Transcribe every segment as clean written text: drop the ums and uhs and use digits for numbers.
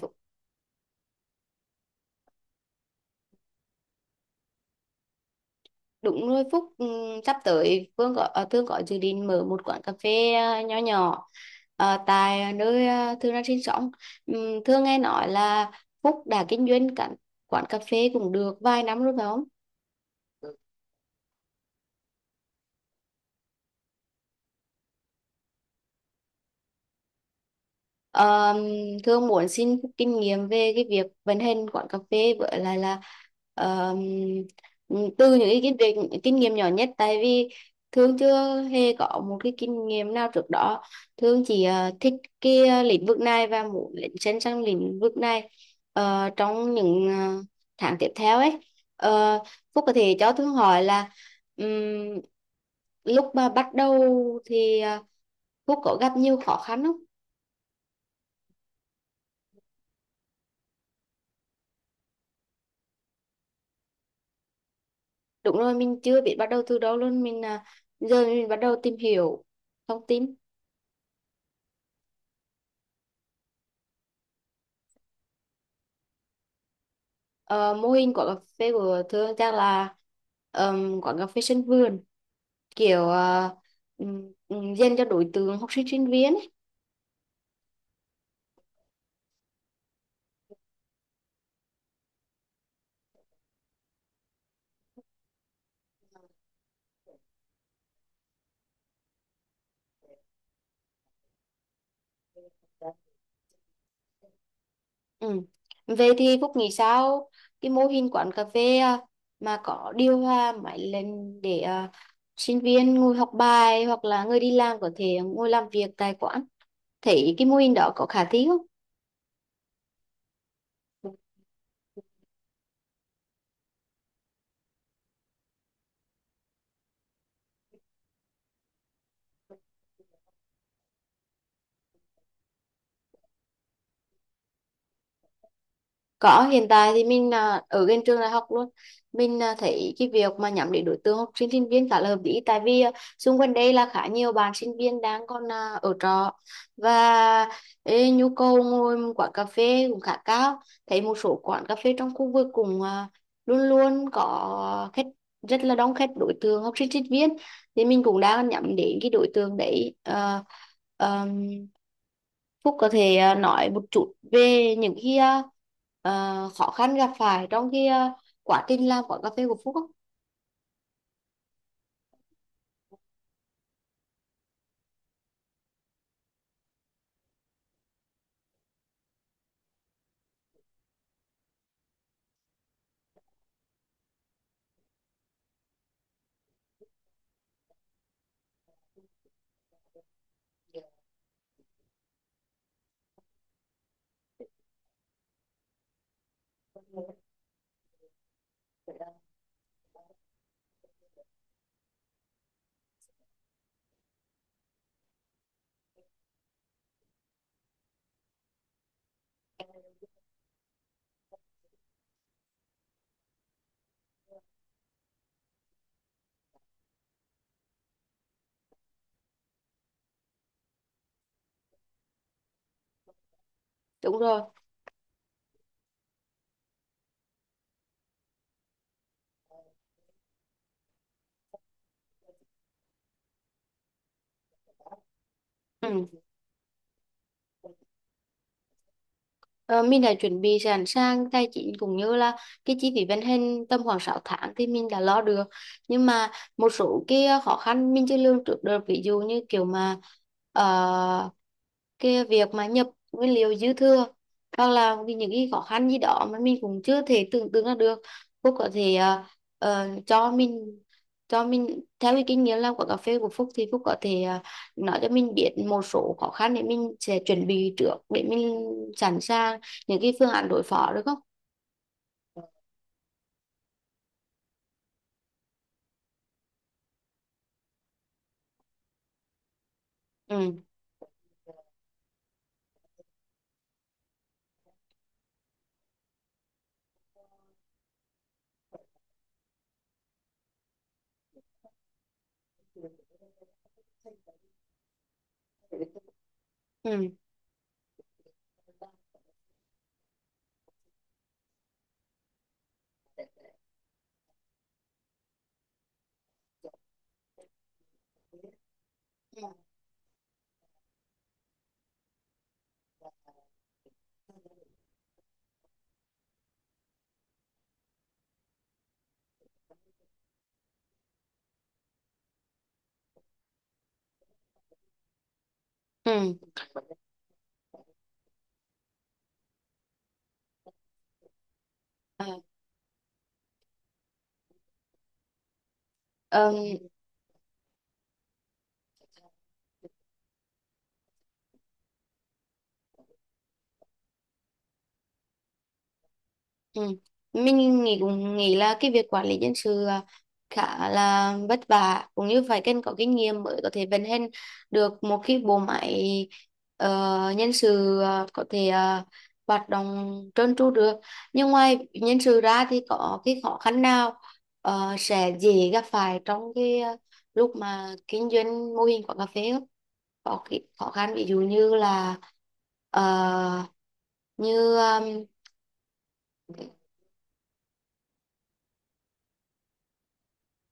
Phúc- Đúng rồi, Phúc, sắp tới Thương có dự định mở một quán cà phê nhỏ nhỏ tại nơi Thương đang sinh sống. Thương nghe nói là Phúc đã kinh doanh cả quán cà phê cũng được vài năm rồi phải không? Ờ, Thương muốn xin kinh nghiệm về cái việc vận hành quán cà phê với lại là ờ, từ những cái kinh nghiệm nhỏ nhất, tại vì Thương chưa hề có một cái kinh nghiệm nào trước đó. Thương chỉ thích cái lĩnh vực này và muốn lấn sân sang lĩnh vực này trong những tháng tiếp theo ấy. Ờ, Phúc có thể cho Thương hỏi là ừm, lúc mà bắt đầu thì Phúc có gặp nhiều khó khăn không? Đúng rồi, mình chưa biết bắt đầu từ đâu luôn. Mình giờ mình bắt đầu tìm hiểu thông tin. Ờ, Mô hình của cà phê của Thương chắc là quán cà phê sân vườn, kiểu dành cho đối tượng học sinh sinh viên ấy. Ừ. Về thì Phúc nghĩ sao cái mô hình quán cà phê mà có điều hòa máy lên để sinh viên ngồi học bài hoặc là người đi làm có thể ngồi làm việc tại quán. Thấy cái mô hình đó có khả thi không? Có, hiện tại thì mình ở gần trường đại học luôn. Mình thấy cái việc mà nhắm đến đối tượng học sinh sinh viên khá là hợp lý, tại vì xung quanh đây là khá nhiều bạn sinh viên đang còn ở trọ, và nhu cầu ngồi một quán cà phê cũng khá cao. Thấy một số quán cà phê trong khu vực cũng luôn luôn có khách, rất là đông khách đối tượng học sinh sinh viên, thì mình cũng đang nhắm đến cái đối tượng đấy. Ờ, ờm, Phúc có thể nói một chút về những cái khó khăn gặp phải trong cái quá trình làm quán cà phê của Phúc không? Đúng rồi. Ừ. Ờ, mình đã chuẩn bị sẵn sàng tài chính cũng như là cái chi phí vận hành tầm khoảng 6 tháng thì mình đã lo được. Nhưng mà một số cái khó khăn mình chưa lường trước được, ví dụ như kiểu mà ờ, cái việc mà nhập nguyên liệu dư thừa hoặc là vì những cái khó khăn gì đó mà mình cũng chưa thể tưởng tượng ra được. Phúc có thể ờ, cho mình cho mình theo cái kinh nghiệm làm của cà phê của Phúc thì Phúc có thể nói cho mình biết một số khó khăn để mình sẽ chuẩn bị trước, để mình sẵn sàng những cái phương án đối phó được không? Ừ. Ừ. Ừ. Ừ. Ờ, ờm, Ừ. Mình cũng nghĩ là cái việc quản lý nhân sự khá là vất vả, cũng như phải cần có kinh nghiệm mới có thể vận hành được một cái bộ máy nhân sự có thể hoạt động trơn tru được. Nhưng ngoài nhân sự ra thì có cái khó khăn nào sẽ dễ gặp phải trong cái lúc mà kinh doanh mô hình quán cà phê không? Có cái khó khăn ví dụ như là ờ, như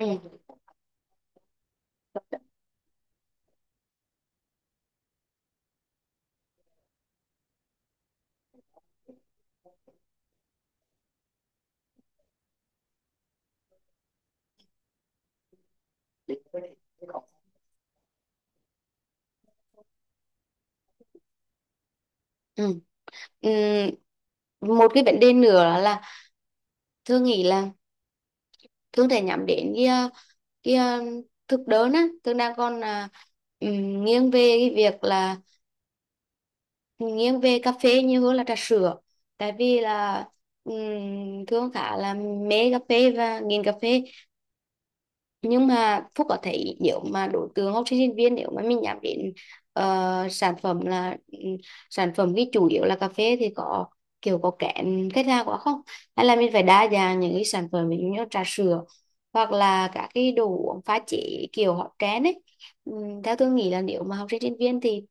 um, Ừ. Ừ. Một cái vấn đề nữa là Thương nghĩ là Thương thể nhắm đến cái cái ờ, thực đơn á. Thương đang còn ừm, nghiêng về cái việc là nghiêng về cà phê nhiều hơn là trà sữa, tại vì là Thương khá là mê cà phê và nghiền cà phê. Nhưng mà Phúc có thấy nếu mà đối tượng học sinh sinh viên, nếu mà mình nhắm đến sản phẩm là sản phẩm cái chủ yếu là cà phê thì có kiểu có kén khách hàng quá không, hay là mình phải đa dạng những cái sản phẩm, ví dụ như trà sữa hoặc là các cái đồ uống pha chế kiểu hot trend ấy. Theo tôi nghĩ là nếu mà học sinh sinh viên thì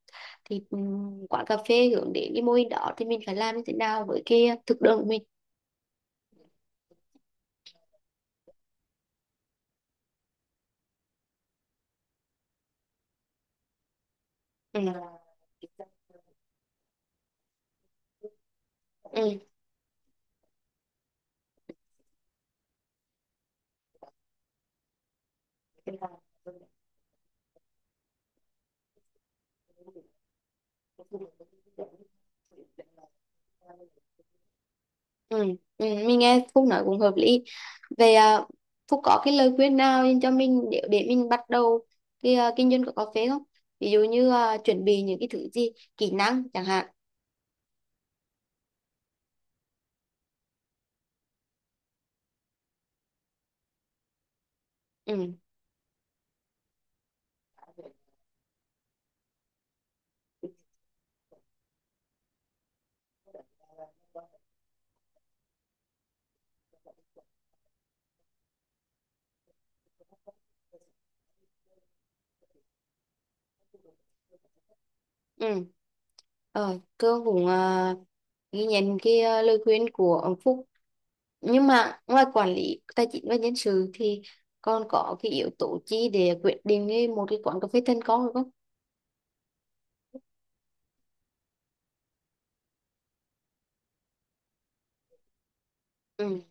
quán cà phê hướng đến cái mô hình đó thì mình phải làm như thế nào với cái thực đơn của mình. Ừ. Ừ. Ừ, ừ, mình nghe Phúc nói cũng hợp lý. Về Phúc có cái lời khuyên nào dành cho mình để mình bắt đầu cái kinh doanh của cà phê không? Ví dụ như chuẩn bị những cái thứ gì, kỹ năng chẳng hạn. Ừ, ừ. Ờ, cơ cũng ghi nhận cái lời khuyên của ông Phúc. Nhưng mà ngoài quản lý tài chính và nhân sự thì còn có cái yếu tố chi để quyết định một cái quán cà phê thành công được không? Ừ.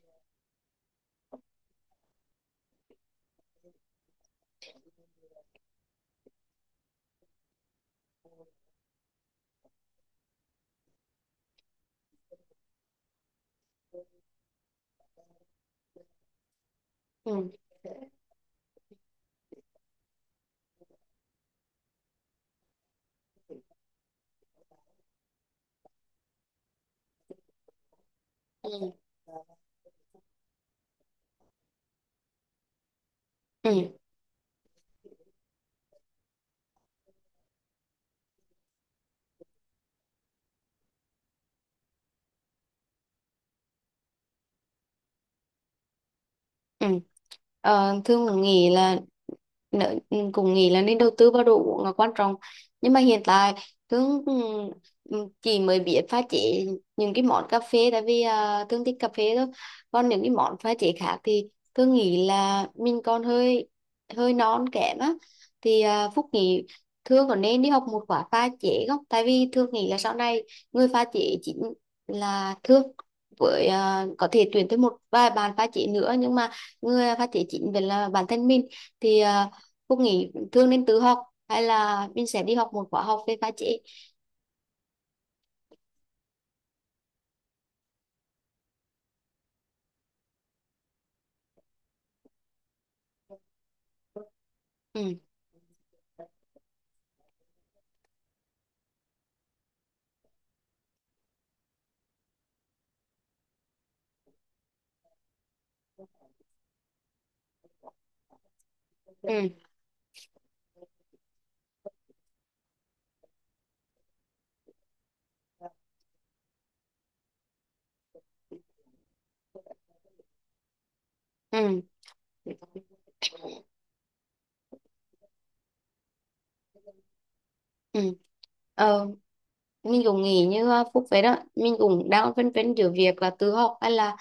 Ừ, ừ, ừ, ừ. Ừ. Ờ, Thương cũng nghĩ là ừ, cũng nghĩ là nên đầu tư vào đồ uống là quan trọng. Nhưng mà hiện tại Thương chỉ mới biết pha chế những cái món cà phê, tại vì Thương thích cà phê thôi. Còn những cái món pha chế khác thì Thương nghĩ là mình còn hơi hơi non kém á. Thì Phúc nghĩ Thương có nên đi học một khóa pha chế không, tại vì Thương nghĩ là sau này người pha chế chính là Thương, với có thể tuyển thêm một vài bạn pha chế nữa, nhưng mà người phát triển chính về là bản thân mình, thì Phúc nghĩ thường nên tự học hay là mình sẽ đi học một khóa học về pha chế. Ừ, ừ, ừ, ừ. Ờ, mình cũng nghĩ như Phúc vậy đó, mình cũng đang phân vân giữa việc là tự học hay là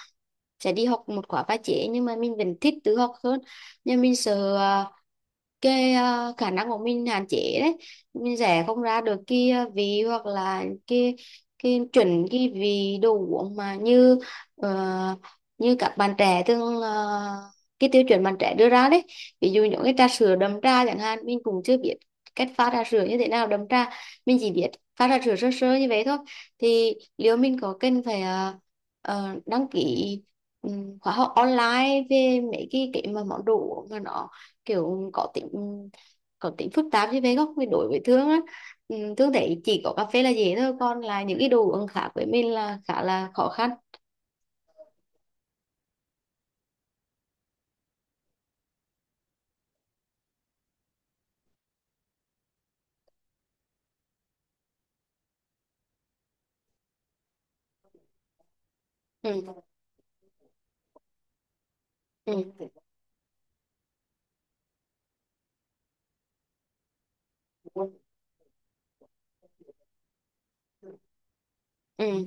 sẽ đi học một khóa pha chế, nhưng mà mình vẫn thích tự học hơn. Nhưng mình sợ cái khả năng của mình hạn chế đấy, mình rẽ không ra được cái vị hoặc là cái chuẩn, cái vị đồ uống mà như ờ, như các bạn trẻ thường cái tiêu chuẩn bạn trẻ đưa ra đấy. Ví dụ những cái trà sữa đậm trà chẳng hạn, mình cũng chưa biết cách pha trà sữa như thế nào đậm trà. Mình chỉ biết pha trà sữa sơ sơ như vậy thôi. Thì liệu mình có cần phải đăng ký khóa học online về mấy cái mà món đồ uống mà nó kiểu có tính phức tạp chứ về không. Vì đối với Thương á, Thương thấy chỉ có cà phê là dễ thôi, còn là những cái đồ uống khác với mình là khá là khó khăn. Ừ. Ừ.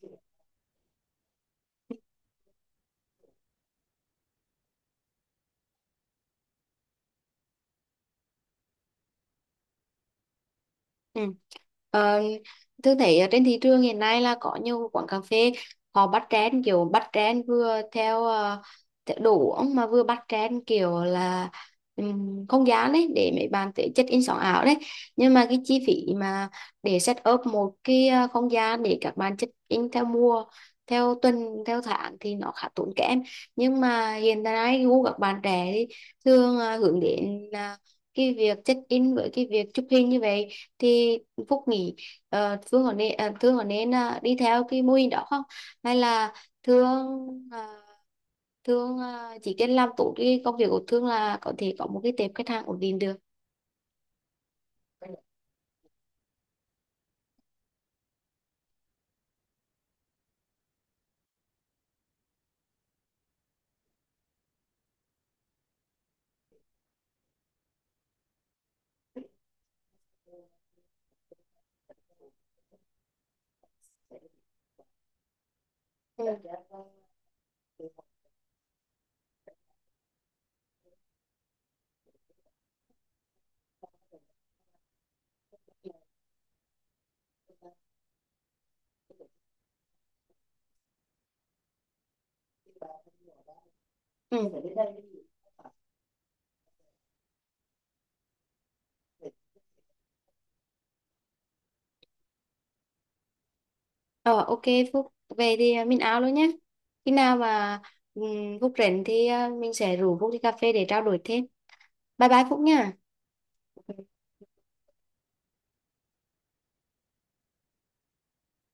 Ừ. Ừ. Ờ, thường thấy ở trên thị trường hiện nay là có nhiều quán cà phê họ bắt trend, kiểu bắt trend vừa theo theo đồ uống mà vừa bắt trend kiểu là không gian đấy để mấy bạn tới check in sống ảo đấy. Nhưng mà cái chi phí mà để set up một cái không gian để các bạn check in theo mùa, theo tuần, theo tháng thì nó khá tốn kém. Nhưng mà hiện nay gu các bạn trẻ thì thường hướng đến là cái việc check in với cái việc chụp hình như vậy. Thì Phúc nghĩ Thương có nên đi theo cái mô hình đó không, hay là Thương à, chỉ cần làm tốt cái công việc của Thương là có thể có một cái tệp khách hàng ổn định được. Ừ. Ờ, ok Phúc. Về thì mình áo luôn nhé. Khi nào mà Phúc rảnh thì mình sẽ rủ Phúc đi cà phê để trao đổi thêm. Bye bye Phúc nha.